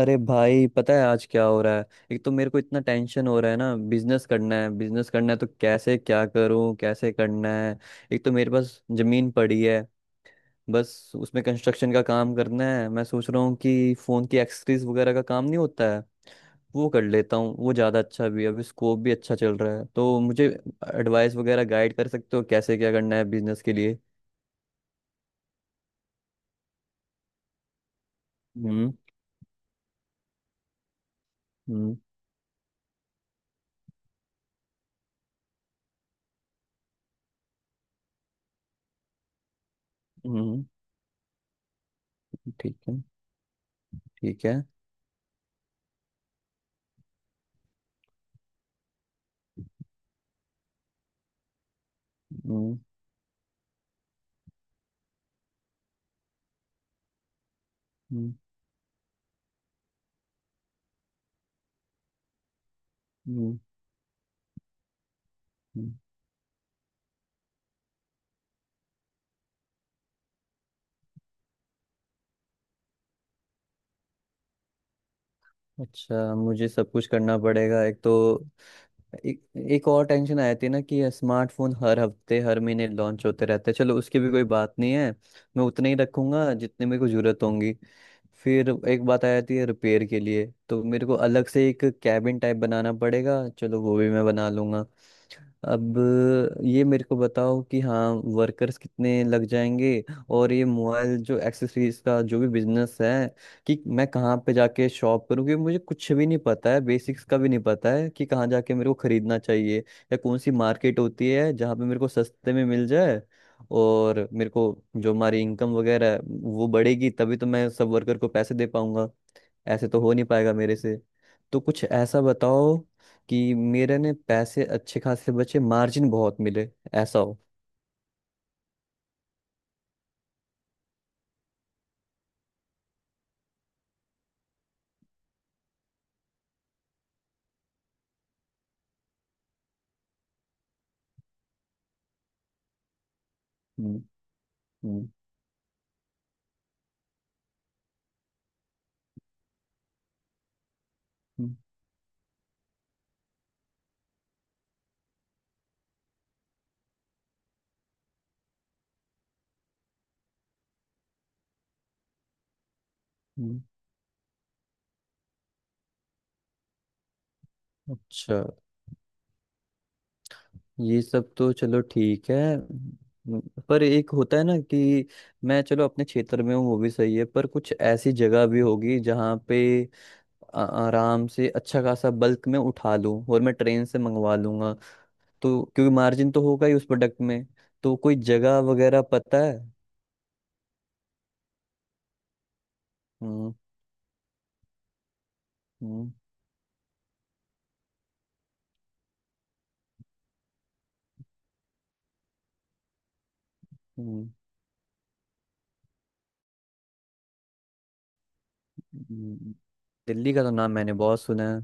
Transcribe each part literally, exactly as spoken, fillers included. अरे भाई, पता है आज क्या हो रहा है? एक तो मेरे को इतना टेंशन हो रहा है ना, बिजनेस करना है, बिजनेस करना है तो कैसे क्या करूं, कैसे करना है। एक तो मेरे पास जमीन पड़ी है। बस उसमें कंस्ट्रक्शन का काम करना है। मैं सोच रहा हूँ कि फोन की एक्सेसरीज वगैरह का काम नहीं होता है? वो कर लेता हूँ, वो ज्यादा अच्छा भी है, अभी स्कोप भी अच्छा चल रहा है। तो मुझे एडवाइस वगैरह गाइड कर सकते हो कैसे क्या करना है बिजनेस के लिए? हम्म। हम्म। हम्म। ठीक है। ठीक है। हम्म। हम्म। हम्म। हम्म। अच्छा, मुझे सब कुछ करना पड़ेगा। एक तो एक, एक और टेंशन आ जाती है ना कि स्मार्टफोन हर हफ्ते हर महीने लॉन्च होते रहते हैं। चलो, उसकी भी कोई बात नहीं है। मैं उतने ही रखूंगा जितने मेरे को जरूरत होंगी। फिर एक बात आ जाती है रिपेयर के लिए, तो मेरे को अलग से एक कैबिन टाइप बनाना पड़ेगा। चलो वो भी मैं बना लूंगा। अब ये मेरे को बताओ कि हाँ, वर्कर्स कितने लग जाएंगे? और ये मोबाइल जो एक्सेसरीज का जो भी बिजनेस है, कि मैं कहाँ पे जाके शॉप करूँ? क्योंकि मुझे कुछ भी नहीं पता है, बेसिक्स का भी नहीं पता है कि कहाँ जाके मेरे को खरीदना चाहिए या कौन सी मार्केट होती है जहाँ पे मेरे को सस्ते में मिल जाए। और मेरे को जो हमारी इनकम वगैरह है वो बढ़ेगी, तभी तो मैं सब वर्कर को पैसे दे पाऊंगा। ऐसे तो हो नहीं पाएगा मेरे से। तो कुछ ऐसा बताओ कि मेरे ने पैसे अच्छे खासे बचे, मार्जिन बहुत मिले, ऐसा हो। हम्म। हम्म। हम्म। हम्म। अच्छा, ये सब तो चलो ठीक है। हम्म। पर एक होता है ना कि मैं चलो अपने क्षेत्र में हूँ, वो भी सही है, पर कुछ ऐसी जगह भी होगी जहाँ पे आ- आराम से अच्छा खासा बल्क में उठा लूँ और मैं ट्रेन से मंगवा लूंगा, तो क्योंकि मार्जिन तो होगा ही उस प्रोडक्ट में। तो कोई जगह वगैरह पता है? हम्म। हम्म। हम्म। हम्म। दिल्ली का तो नाम मैंने बहुत सुना है।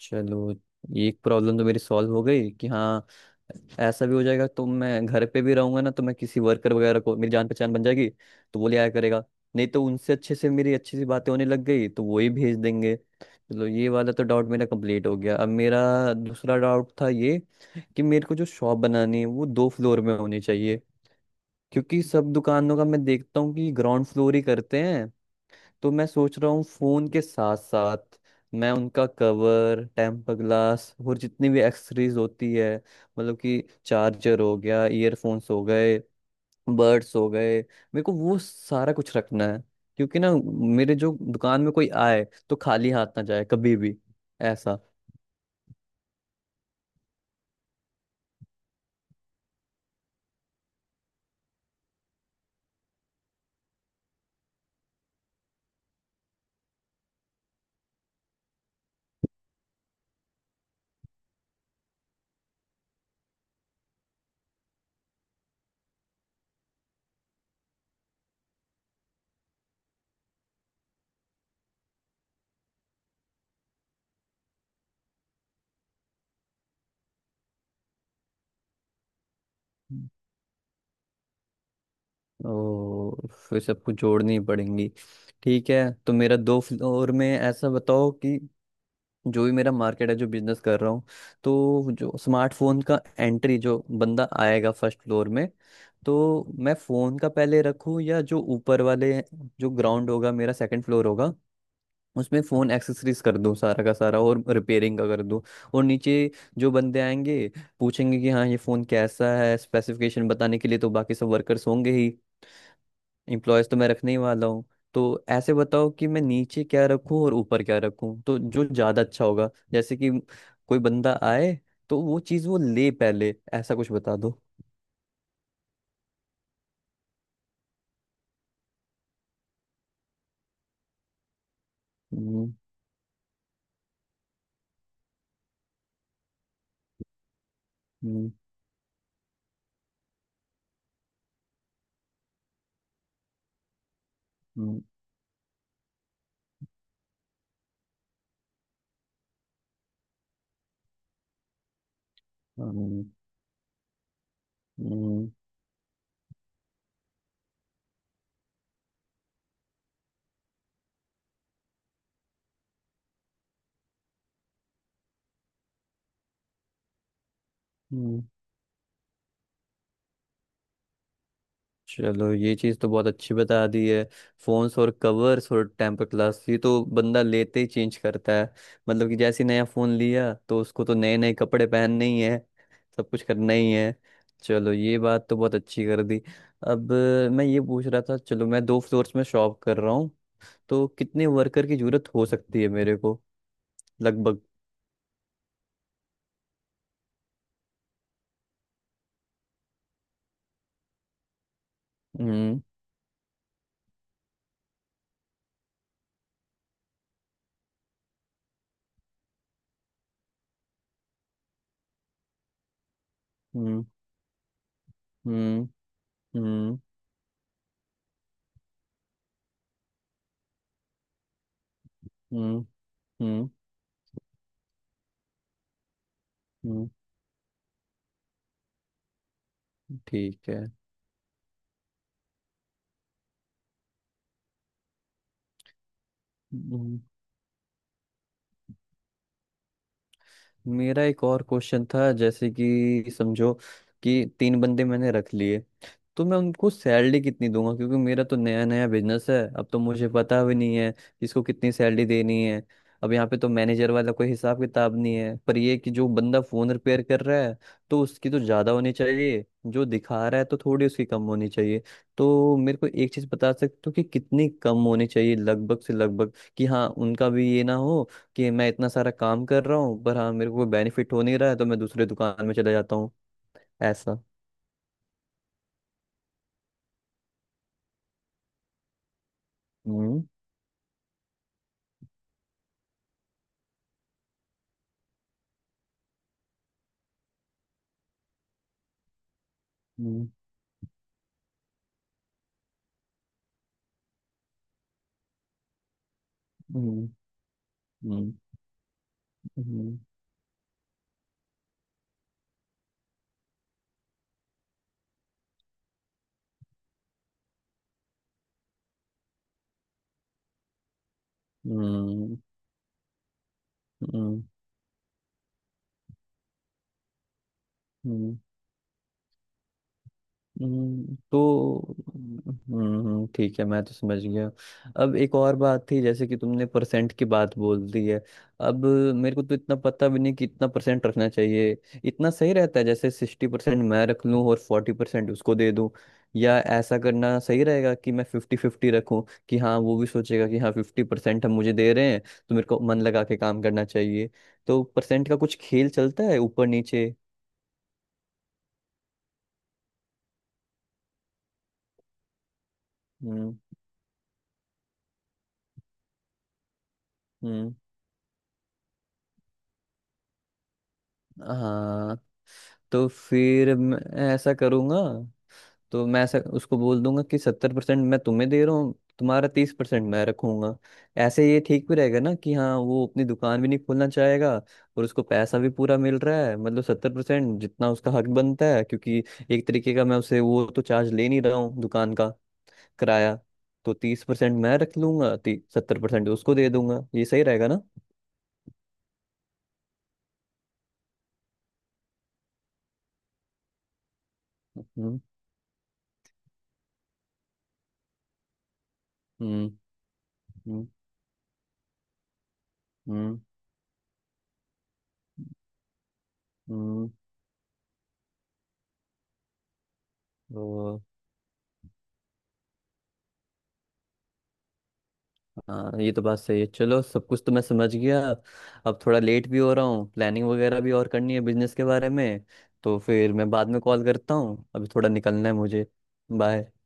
चलो एक प्रॉब्लम तो मेरी सॉल्व हो गई कि हाँ, ऐसा भी हो जाएगा। तो मैं घर पे भी रहूंगा ना, तो मैं किसी वर्कर वगैरह को, मेरी जान पहचान बन जाएगी तो वो ले आया करेगा। नहीं तो उनसे अच्छे से मेरी अच्छी सी बातें होने लग गई तो वो ही भेज देंगे। चलो ये वाला तो डाउट मेरा कंप्लीट हो गया। अब मेरा दूसरा डाउट था ये, कि मेरे को जो शॉप बनानी है वो दो फ्लोर में होनी चाहिए, क्योंकि सब दुकानों का मैं देखता हूँ कि ग्राउंड फ्लोर ही करते हैं। तो मैं सोच रहा हूँ फोन के साथ साथ मैं उनका कवर, टेम्पर ग्लास और जितनी भी एक्सेसरीज होती है, मतलब कि चार्जर हो गया, ईयरफोन्स हो गए, बर्ड्स हो गए, मेरे को वो सारा कुछ रखना है। क्योंकि ना, मेरे जो दुकान में कोई आए तो खाली हाथ ना जाए कभी भी, ऐसा। ओ, फिर सबको जोड़नी पड़ेंगी। ठीक है, तो मेरा दो फ्लोर में ऐसा बताओ कि जो भी मेरा मार्केट है जो बिजनेस कर रहा हूँ, तो जो स्मार्टफोन का एंट्री जो बंदा आएगा फर्स्ट फ्लोर में, तो मैं फोन का पहले रखूँ, या जो ऊपर वाले, जो ग्राउंड होगा मेरा सेकंड फ्लोर होगा, उसमें फोन एक्सेसरीज कर दूँ सारा का सारा और रिपेयरिंग का कर दूँ। और नीचे जो बंदे आएंगे, पूछेंगे कि हाँ ये फोन कैसा है, स्पेसिफिकेशन बताने के लिए तो बाकी सब वर्कर्स होंगे ही। इम्प्लॉयज तो मैं रखने ही वाला हूँ। तो ऐसे बताओ कि मैं नीचे क्या रखूँ और ऊपर क्या रखूँ, तो जो ज़्यादा अच्छा होगा, जैसे कि कोई बंदा आए तो वो चीज़ वो ले पहले, ऐसा कुछ बता दो। हम्म। हम्म। हम्म। हम्म। हम्म। हम्म। चलो ये चीज़ तो बहुत अच्छी बता दी है। फोन्स और कवर्स और टेम्पर ग्लास, ये तो बंदा लेते ही चेंज करता है। मतलब कि जैसे ही नया फोन लिया तो उसको तो नए नए कपड़े पहनने ही है, सब कुछ करना ही है। चलो ये बात तो बहुत अच्छी कर दी। अब अ, मैं ये पूछ रहा था, चलो मैं दो फ्लोर्स में शॉप कर रहा हूँ, तो कितने वर्कर की जरूरत हो सकती है मेरे को, लगभग। हम्म। हम्म। हम्म। हम्म। हम्म। हम्म। हम्म। ठीक है। हम्म। मेरा एक और क्वेश्चन था, जैसे कि समझो कि तीन बंदे मैंने रख लिए, तो मैं उनको सैलरी कितनी दूंगा? क्योंकि मेरा तो नया नया बिजनेस है, अब तो मुझे पता भी नहीं है किसको कितनी सैलरी देनी है। अब यहाँ पे तो मैनेजर वाला कोई हिसाब किताब नहीं है, पर ये कि जो बंदा फोन रिपेयर कर रहा है तो उसकी तो ज्यादा होनी चाहिए, जो दिखा रहा है तो थोड़ी उसकी कम होनी चाहिए। तो मेरे को एक चीज बता सकते हो कि कितनी कम होनी चाहिए, लगभग से लगभग? कि हाँ उनका भी ये ना हो कि मैं इतना सारा काम कर रहा हूँ पर हाँ मेरे को कोई बेनिफिट हो नहीं रहा है, तो मैं दूसरे दुकान में चला जाता हूँ, ऐसा। हम्म। हम्म। हम्म। हम्म। हम्म। हम्म। हम्म। हम्म। हम्म। तो हम्म, ठीक है, मैं तो समझ गया। अब एक और बात थी, जैसे कि तुमने परसेंट की बात बोल दी है। अब मेरे को तो इतना पता भी नहीं कि इतना परसेंट रखना चाहिए, इतना सही रहता है। जैसे सिक्सटी परसेंट मैं रख लूं और फोर्टी परसेंट उसको दे दूं, या ऐसा करना सही रहेगा कि मैं फिफ्टी फिफ्टी रखूं? कि हाँ वो भी सोचेगा कि हाँ फिफ्टी परसेंट हम मुझे दे रहे हैं तो मेरे को मन लगा के काम करना चाहिए। तो परसेंट का कुछ खेल चलता है ऊपर नीचे? हम्म। हम्म। हाँ। तो फिर मैं ऐसा करूंगा, तो मैं ऐसा उसको बोल दूंगा कि सत्तर परसेंट मैं तुम्हें दे रहा हूँ, तुम्हारा तीस परसेंट मैं रखूंगा। ऐसे ये ठीक भी रहेगा ना कि हाँ वो अपनी दुकान भी नहीं खोलना चाहेगा, और उसको पैसा भी पूरा मिल रहा है, मतलब सत्तर परसेंट, जितना उसका हक बनता है। क्योंकि एक तरीके का मैं उसे वो तो चार्ज ले नहीं रहा हूँ दुकान का, किराया। तो तीस परसेंट मैं रख लूंगा, सत्तर परसेंट उसको दे दूंगा, ये सही रहेगा ना? हम्म। हम्म। हम्म। हम्म। हम्म। हाँ ये तो बात सही है। चलो सब कुछ तो मैं समझ गया। अब थोड़ा लेट भी हो रहा हूँ, प्लानिंग वगैरह भी और करनी है बिजनेस के बारे में, तो फिर मैं बाद में कॉल करता हूँ, अभी थोड़ा निकलना है मुझे। बाय।